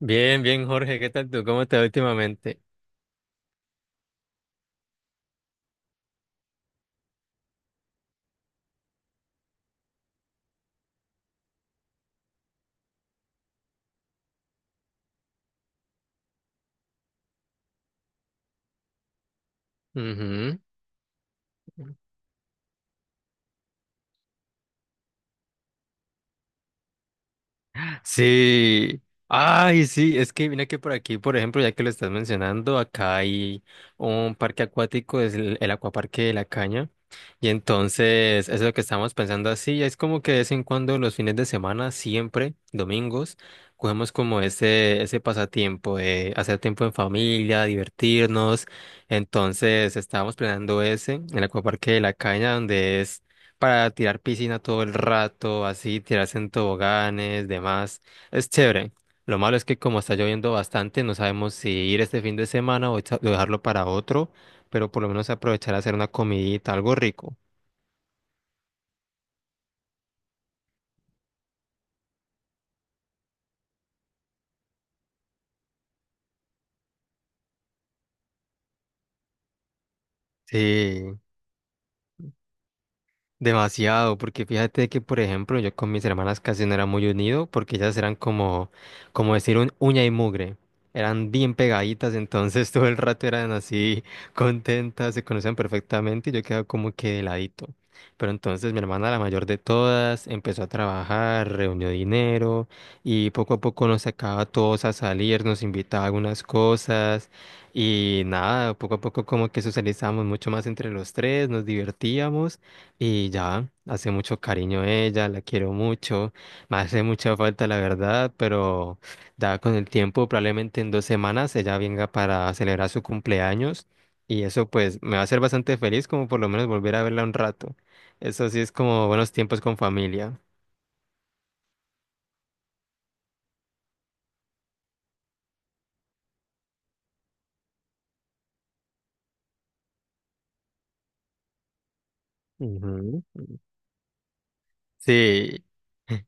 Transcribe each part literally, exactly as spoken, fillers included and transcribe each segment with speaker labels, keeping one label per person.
Speaker 1: Bien, bien, Jorge, ¿qué tal tú? ¿Cómo te va últimamente? Ujú. Sí. Ay, sí, es que mira que por aquí, por ejemplo, ya que lo estás mencionando, acá hay un parque acuático, es el, el Acuaparque de la Caña. Y entonces, eso es lo que estamos pensando así, es como que de vez en cuando los fines de semana, siempre, domingos, cogemos como ese, ese pasatiempo de hacer tiempo en familia, divertirnos. Entonces, estábamos planeando ese, el Acuaparque de la Caña, donde es para tirar piscina todo el rato, así, tirarse en toboganes, demás. Es chévere. Lo malo es que como está lloviendo bastante, no sabemos si ir este fin de semana o echa- o dejarlo para otro, pero por lo menos aprovechar a hacer una comidita, algo rico. Sí. Demasiado, porque fíjate que, por ejemplo, yo con mis hermanas casi no era muy unido, porque ellas eran como, como decir, un uña y mugre. Eran bien pegaditas, entonces todo el rato eran así contentas, se conocían perfectamente y yo quedaba como que de ladito. Pero entonces mi hermana, la mayor de todas, empezó a trabajar, reunió dinero y poco a poco nos sacaba a todos a salir, nos invitaba a algunas cosas y nada, poco a poco como que socializamos mucho más entre los tres, nos divertíamos. Y ya, hace mucho cariño a ella, la quiero mucho, me hace mucha falta la verdad, pero ya con el tiempo, probablemente en dos semanas, ella venga para celebrar su cumpleaños y eso pues me va a hacer bastante feliz como por lo menos volver a verla un rato. Eso sí es como buenos tiempos con familia. Ujú. Sí.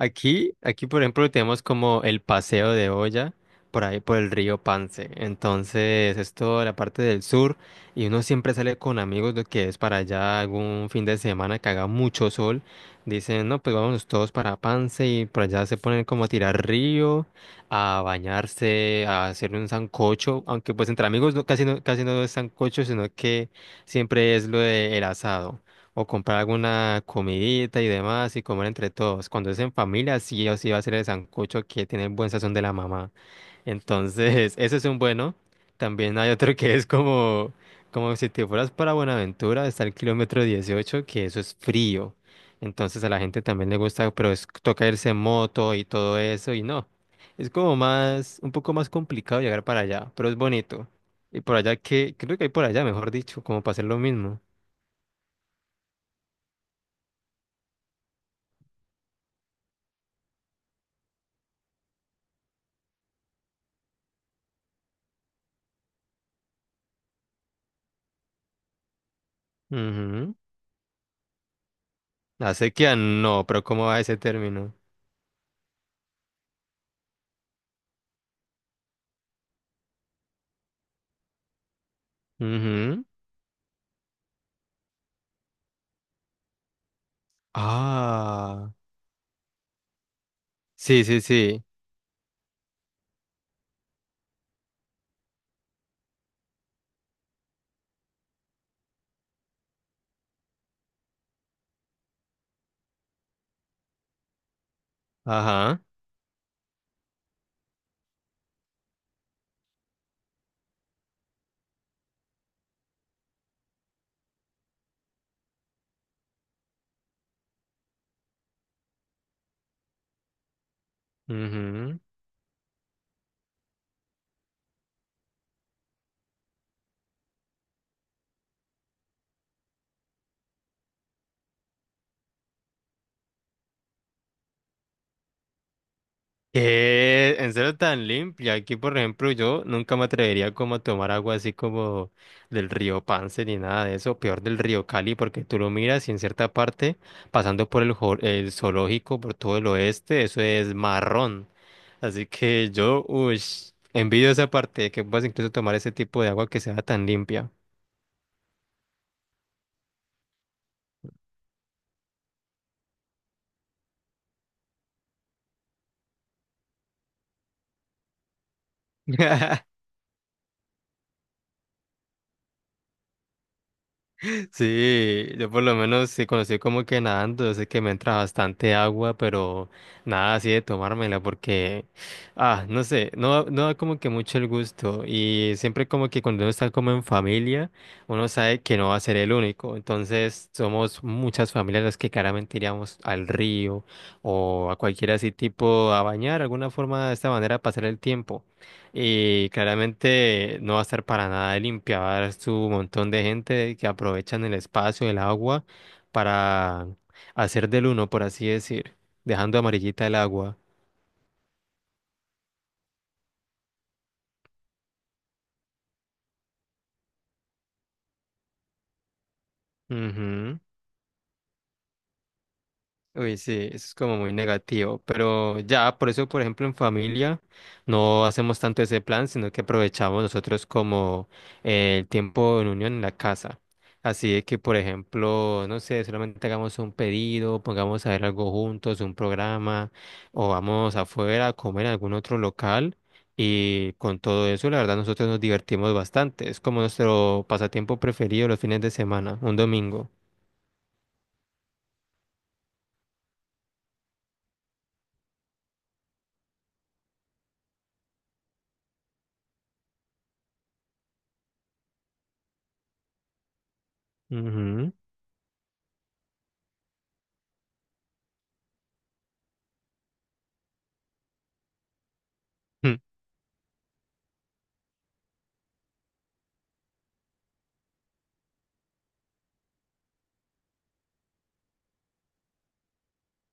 Speaker 1: Aquí, aquí, por ejemplo, tenemos como el paseo de olla por ahí por el río Pance. Entonces, es toda la parte del sur y uno siempre sale con amigos de que es para allá algún fin de semana que haga mucho sol. Dicen, no, pues vámonos todos para Pance y por allá se ponen como a tirar río, a bañarse, a hacer un sancocho. Aunque pues entre amigos no- casi no, casi no es sancocho, sino que siempre es lo del asado. O comprar alguna comidita y demás y comer entre todos. Cuando es en familia, sí o sí va a ser el sancocho que tiene el buen sazón de la mamá. Entonces, ese es un bueno. También hay otro que es como, como si te fueras para Buenaventura, está el kilómetro dieciocho que eso es frío. Entonces a la gente también le gusta, pero es, toca irse en moto y todo eso y no. Es como más, un poco más complicado llegar para allá, pero es bonito. Y por allá que, creo que hay por allá, mejor dicho, como para hacer lo mismo. Ujú. La sequía no, pero ¿cómo va ese término? Ujú. Ah, sí, sí, sí. Ajá. Ujú. ¿Qué? ¿En serio tan limpia? Aquí, por ejemplo, yo nunca me atrevería como a tomar agua así como del río Pance ni nada de eso. Peor del río Cali, porque tú lo miras y en cierta parte, pasando por el, jo- el zoológico, por todo el oeste, eso es marrón. Así que yo, uy, envidio esa parte, que puedas incluso tomar ese tipo de agua que sea tan limpia. Sí, yo por lo menos sí conocí como que nadando, yo sé que me entra bastante agua, pero nada así de tomármela porque, ah, no sé, no, no da como que mucho el gusto y siempre como que cuando uno está como en familia, uno sabe que no va a ser el único, entonces somos muchas familias las que claramente iríamos al río o a cualquier así tipo a bañar, alguna forma de esta manera pasar el tiempo. Y claramente no va a estar para nada limpia, va a haber su montón de gente que aprovechan el espacio, el agua, para hacer del uno, por así decir, dejando amarillita el agua. Ujú. Uy, sí, eso es como muy negativo, pero ya, por eso, por ejemplo, en familia no hacemos tanto ese plan, sino que aprovechamos nosotros como eh, el tiempo en unión en la casa. Así de que, por ejemplo, no sé, solamente hagamos un pedido, pongamos a ver algo juntos, un programa, o vamos afuera a comer en algún otro local. Y con todo eso, la verdad, nosotros nos divertimos bastante. Es como nuestro pasatiempo preferido los fines de semana, un domingo. Ujú.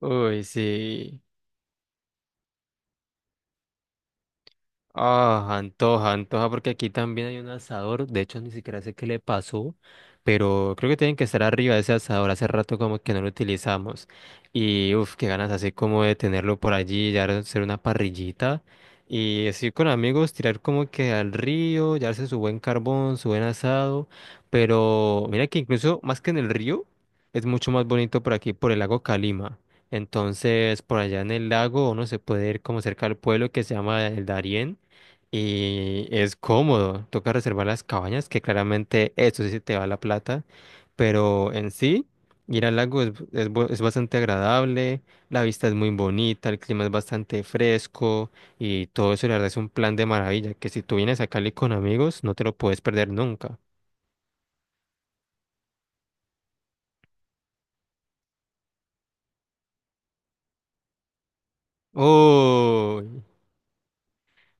Speaker 1: Uy, sí. Ah, antoja, antoja, porque aquí también hay un asador. De hecho, ni siquiera sé qué le pasó, pero creo que tienen que estar arriba de ese asador. Hace rato como que no lo utilizamos. Y uff, qué ganas así como de tenerlo por allí, ya hacer una parrillita. Y así con amigos, tirar como que al río, llevarse su buen carbón, su buen asado. Pero mira que incluso más que en el río, es mucho más bonito por aquí, por el lago Calima. Entonces, por allá en el lago uno se puede ir como cerca al pueblo que se llama el Darién y es cómodo, toca reservar las cabañas, que claramente eso sí se te va la plata, pero en sí, ir al lago es, es bu- es bastante agradable, la vista es muy bonita, el clima es bastante fresco y todo eso, la verdad es un plan de maravilla, que si tú vienes a Cali con amigos, no te lo puedes perder nunca. Uy,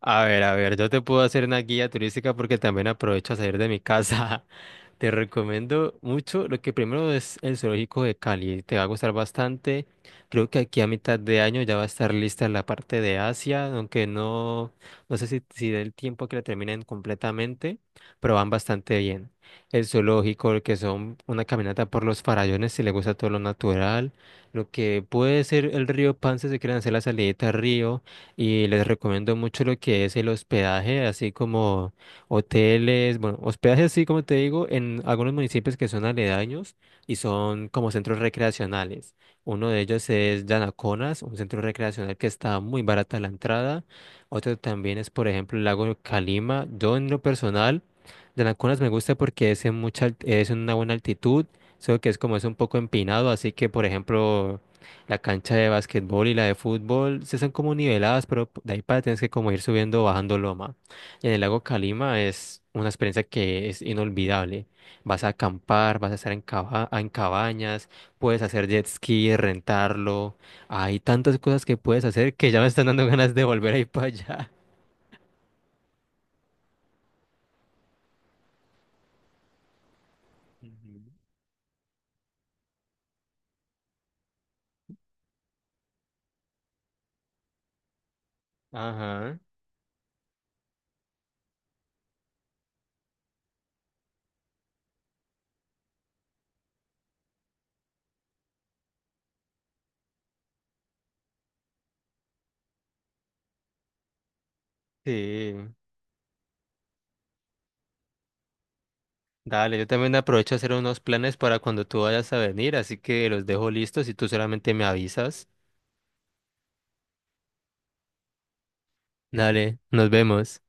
Speaker 1: a ver, a ver, yo te puedo hacer una guía turística porque también aprovecho a salir de mi casa. Te recomiendo mucho. Lo que primero es el zoológico de Cali. Te va a gustar bastante. Creo que aquí a mitad de año ya va a estar lista la parte de Asia, aunque no, no sé si, si dé el tiempo que la terminen completamente, pero van bastante bien. El zoológico, lo que son una caminata por los farallones, si le gusta todo lo natural. Lo que puede ser el río Pan si quieren hacer la salidita al río. Y les recomiendo mucho lo que es el hospedaje, así como hoteles, bueno, hospedajes sí, como te digo, en algunos municipios que son aledaños y son como centros recreacionales. Uno de ellos es Yanaconas, un centro recreacional que está muy barata la entrada. Otro también es, por ejemplo, el lago de Calima. Yo en lo personal, Yanaconas me gusta porque es en mucha, alt- es en una buena altitud, solo que es como es un poco empinado, así que, por ejemplo, la cancha de básquetbol y la de fútbol se son como niveladas, pero de ahí para tienes que como ir subiendo o bajando loma. En el lago Calima es una experiencia que es inolvidable. Vas a acampar, vas a estar en, caba- en cabañas, puedes hacer jet ski, rentarlo. Hay tantas cosas que puedes hacer que ya me están dando ganas de volver a ir para allá. Ujú. Ajá, sí. Dale, yo también aprovecho a hacer unos planes para cuando tú vayas a venir, así que los dejo listos y tú solamente me avisas. Dale, nos vemos.